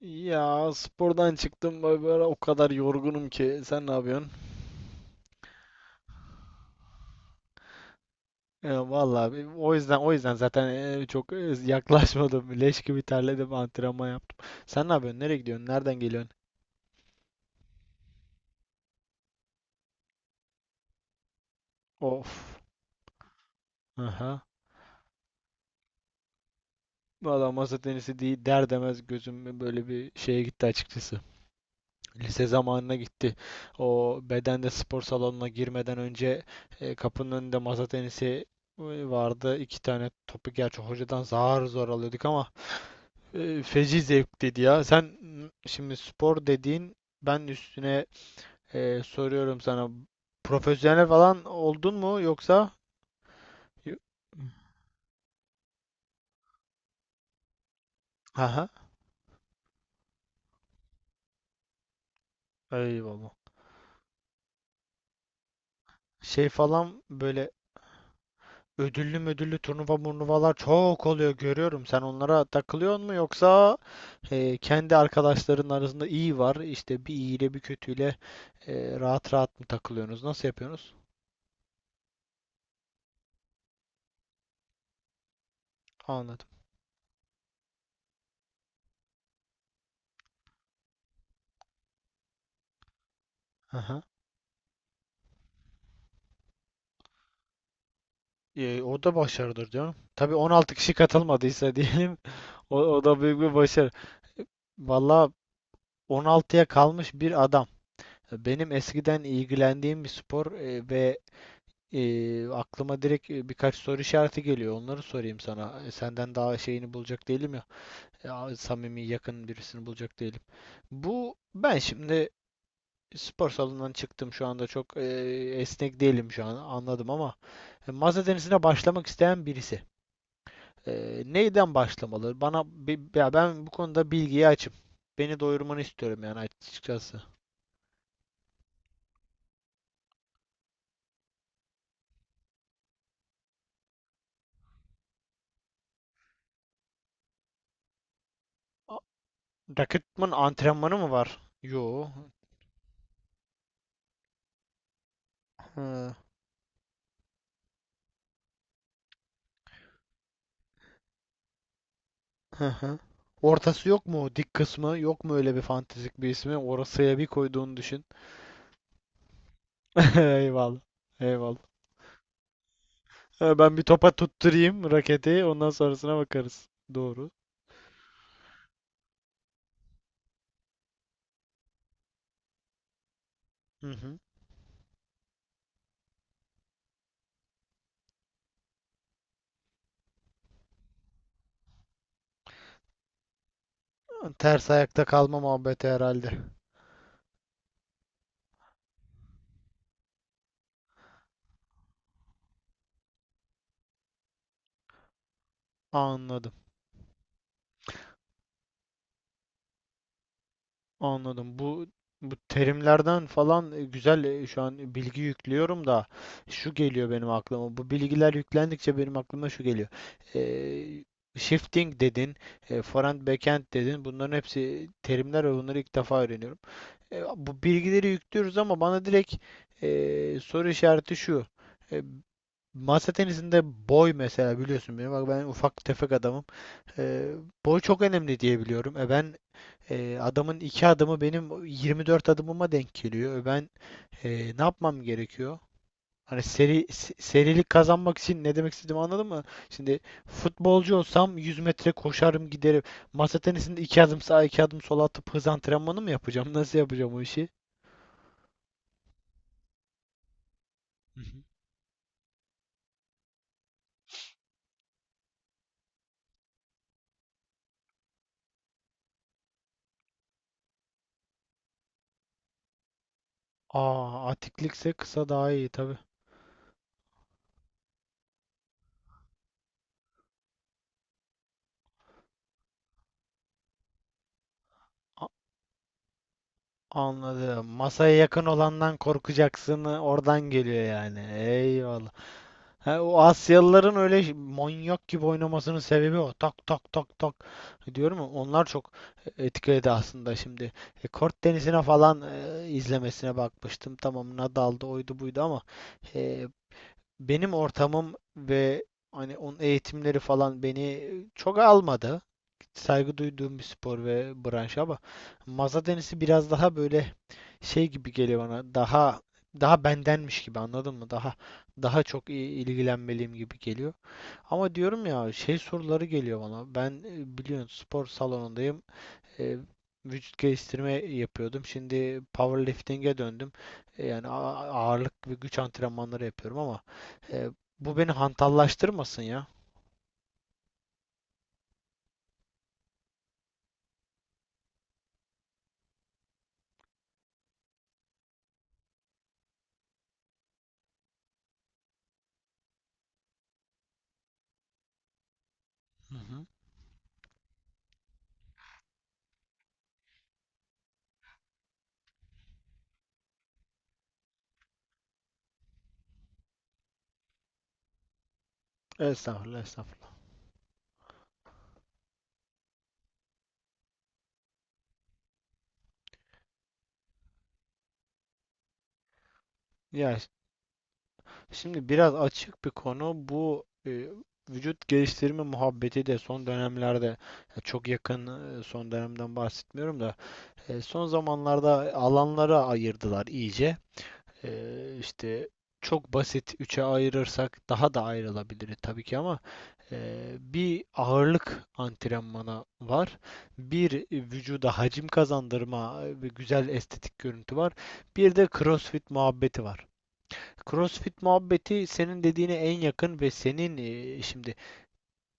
Ya spordan çıktım böyle böyle o kadar yorgunum ki. Sen ne yapıyorsun? Ya vallahi o yüzden zaten çok yaklaşmadım. Leş gibi terledim, antrenman yaptım. Sen ne yapıyorsun? Nereye gidiyorsun? Nereden geliyorsun? Of. Aha. Valla masa tenisi değil der demez gözüm böyle bir şeye gitti açıkçası. Lise zamanına gitti. O bedende spor salonuna girmeden önce kapının önünde masa tenisi e, vardı. İki tane topu gerçi hocadan zar zor alıyorduk ama feci zevkliydi ya. Sen şimdi spor dediğin ben üstüne soruyorum sana profesyonel falan oldun mu yoksa? Yo- Aha, eyvallah. Şey falan böyle ödüllü ödüllü turnuva murnuvalar çok oluyor görüyorum. Sen onlara takılıyor mu yoksa kendi arkadaşların arasında iyi var. İşte bir iyiyle bir kötüyle rahat rahat mı takılıyorsunuz? Nasıl yapıyorsunuz? Anladım. Aha. O da başarıdır diyorum. Tabii 16 kişi katılmadıysa diyelim o da büyük bir başarı. Valla 16'ya kalmış bir adam. Benim eskiden ilgilendiğim bir spor ve aklıma direkt birkaç soru işareti geliyor. Onları sorayım sana. Senden daha şeyini bulacak değilim ya. Ya, samimi yakın birisini bulacak değilim. Bu ben şimdi spor salonundan çıktım şu anda çok esnek değilim şu an anladım ama masa tenisine başlamak isteyen birisi. Neyden başlamalı? Bana ya ben bu konuda bilgiye açım. Beni doyurmanı istiyorum yani açıkçası. A- Raketman antrenmanı mı var? Yo. Hı, hı hı. Ortası yok mu? Dik kısmı yok mu öyle bir fantastik bir ismi? Orasıya bir koyduğunu düşün. Eyvallah. Eyvallah. Ha, ben bir topa tutturayım raketi. Ondan sonrasına bakarız. Doğru. Hı hı. Ters ayakta kalma muhabbeti herhalde. Anladım. Anladım. Bu terimlerden falan güzel şu an bilgi yüklüyorum da şu geliyor benim aklıma. Bu bilgiler yüklendikçe benim aklıma şu geliyor. Ee, shifting dedin, forehand backhand dedin. Bunların hepsi terimler ve bunları ilk defa öğreniyorum. Bu bilgileri yüklüyoruz ama bana direkt soru işareti şu. E, Masa tenisinde boy mesela biliyorsun beni. Bak ben ufak tefek adamım. Ee, boy çok önemli diye biliyorum. Ben adamın iki adımı benim 24 adımıma denk geliyor. Ben e, ne yapmam gerekiyor? Hani seri serilik kazanmak için ne demek istediğimi anladın mı? Şimdi futbolcu olsam 100 metre koşarım giderim. Masa tenisinde iki adım sağa iki adım sola atıp hız antrenmanı mı yapacağım? Nasıl yapacağım o işi? Hı hı. Aa, atiklikse kısa daha iyi tabii. Anladım. Masaya yakın olandan korkacaksın. Oradan geliyor yani. Eyvallah. Ha, o Asyalıların öyle manyak gibi oynamasının sebebi o. Tak tak tak tak. Diyorum ya onlar çok etkiledi aslında şimdi. Kort Denizi'ne falan izlemesine bakmıştım. Tamam Nadal'dı oydu buydu ama e, benim ortamım ve hani onun eğitimleri falan beni çok almadı. Saygı duyduğum bir spor ve branş ama masa tenisi biraz daha böyle şey gibi geliyor bana. Daha daha bendenmiş gibi anladın mı? Daha daha çok ilgilenmeliyim gibi geliyor. Ama diyorum ya şey soruları geliyor bana. Ben biliyorsun spor salonundayım. E, Vücut geliştirme yapıyordum. Şimdi powerlifting'e döndüm. Yani ağırlık ve güç antrenmanları yapıyorum ama e, bu beni hantallaştırmasın ya. Hı hı. Estağfurullah, estağfurullah. Ya şimdi biraz açık bir konu bu vücut geliştirme muhabbeti de son dönemlerde ya çok yakın son dönemden bahsetmiyorum da son zamanlarda alanlara ayırdılar iyice. E, işte çok basit üçe ayırırsak daha da ayrılabilir tabii ki ama bir ağırlık antrenmanı var. Bir vücuda hacim kazandırma ve güzel estetik görüntü var. Bir de CrossFit muhabbeti var. CrossFit muhabbeti senin dediğine en yakın ve senin şimdi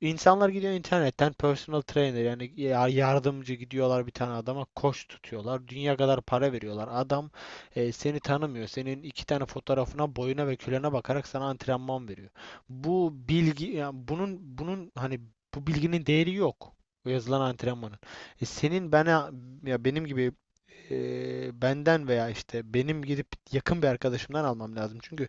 insanlar gidiyor internetten personal trainer yani yardımcı gidiyorlar bir tane adama koç tutuyorlar. Dünya kadar para veriyorlar. Adam seni tanımıyor. Senin iki tane fotoğrafına, boyuna ve kilona bakarak sana antrenman veriyor. Bu bilgi yani bunun hani bu bilginin değeri yok. O yazılan antrenmanın. Senin bana ya benim gibi e, benden veya işte benim gidip yakın bir arkadaşımdan almam lazım. Çünkü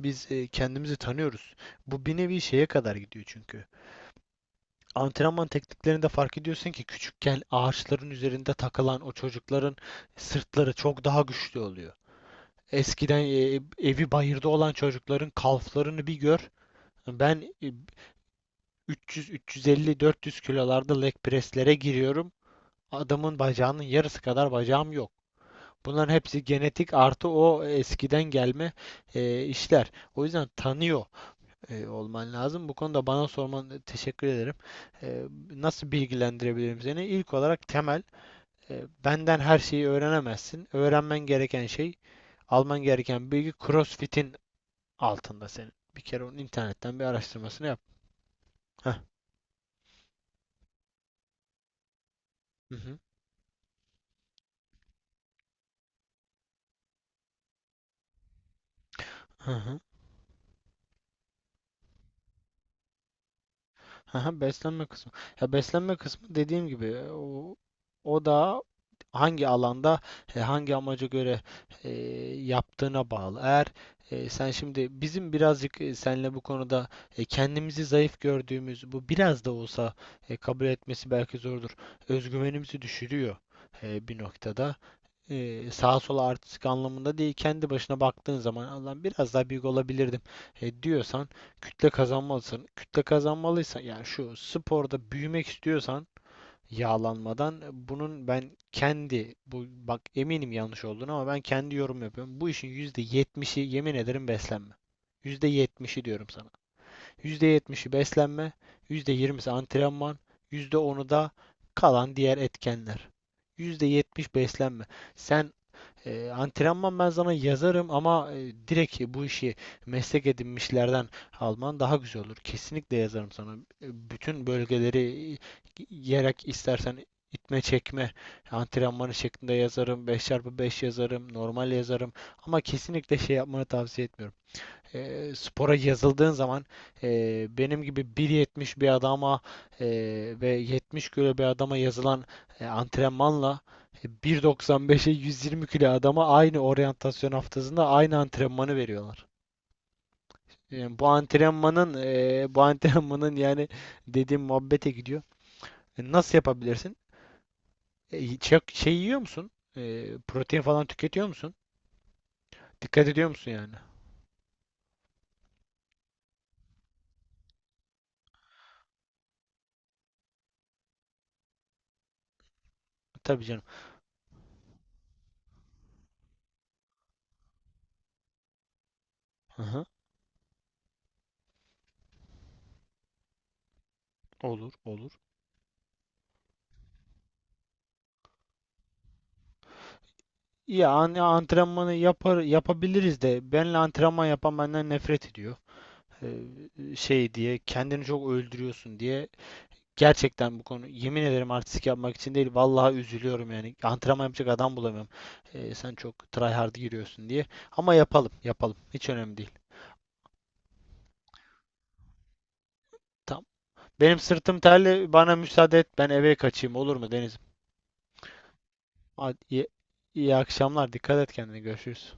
biz kendimizi tanıyoruz. Bu bir nevi şeye kadar gidiyor çünkü. Antrenman tekniklerinde fark ediyorsun ki küçükken ağaçların üzerinde takılan o çocukların sırtları çok daha güçlü oluyor. Eskiden evi bayırda olan çocukların kalflarını bir gör. Ben 300, 350, 400 kilolarda leg presslere giriyorum. Adamın bacağının yarısı kadar bacağım yok. Bunların hepsi genetik artı o eskiden gelme işler. O yüzden tanıyor olman lazım. Bu konuda bana sorman teşekkür ederim. E, nasıl bilgilendirebilirim seni? İlk olarak temel, benden her şeyi öğrenemezsin. Öğrenmen gereken şey, alman gereken bilgi CrossFit'in altında senin. Bir kere onun internetten bir araştırmasını yap. Heh. Hı hı. Hı hı. Aha, beslenme kısmı. Ya beslenme kısmı dediğim gibi o da hangi alanda hangi amaca göre e, yaptığına bağlı. Eğer sen şimdi bizim birazcık seninle bu konuda kendimizi zayıf gördüğümüz bu biraz da olsa kabul etmesi belki zordur. Özgüvenimizi düşürüyor bir noktada sağa sola artistik anlamında değil kendi başına baktığın zaman Allah'ım biraz daha büyük olabilirdim diyorsan kütle kazanmalısın. Kütle kazanmalıysan yani şu sporda büyümek istiyorsan yağlanmadan bunun ben kendi bu bak eminim yanlış olduğunu ama ben kendi yorum yapıyorum. Bu işin %70'i yemin ederim beslenme. %70'i diyorum sana. %70'i beslenme, %20'si antrenman, %10'u da kalan diğer etkenler. %70 beslenme. Sen antrenman ben sana yazarım ama direkt bu işi meslek edinmişlerden alman daha güzel olur. Kesinlikle yazarım sana. Bütün bölgeleri yerek istersen itme çekme antrenmanı şeklinde yazarım. 5x5 yazarım. Normal yazarım. Ama kesinlikle şey yapmanı tavsiye etmiyorum spora yazıldığın zaman benim gibi 1.70 bir adama e, ve 70 kilo bir adama yazılan antrenmanla 1.95'e 120 kilo adama aynı oryantasyon haftasında aynı antrenmanı veriyorlar. Yani bu antrenmanın yani dediğim muhabbete gidiyor. Nasıl yapabilirsin? Çok şey yiyor musun? Protein falan tüketiyor musun? Dikkat ediyor musun yani? Tabii canım. Aha. Olur, olur. Ya antrenmanı yapar yapabiliriz de benle antrenman yapan benden nefret ediyor. Şey diye kendini çok öldürüyorsun diye gerçekten bu konu yemin ederim artistik yapmak için değil vallahi üzülüyorum yani antrenman yapacak adam bulamıyorum. Sen çok try hard giriyorsun diye ama yapalım yapalım hiç önemli değil. Tamam. Benim sırtım terli bana müsaade et ben eve kaçayım olur mu Deniz'im? Hadi iyi, iyi akşamlar dikkat et kendine görüşürüz.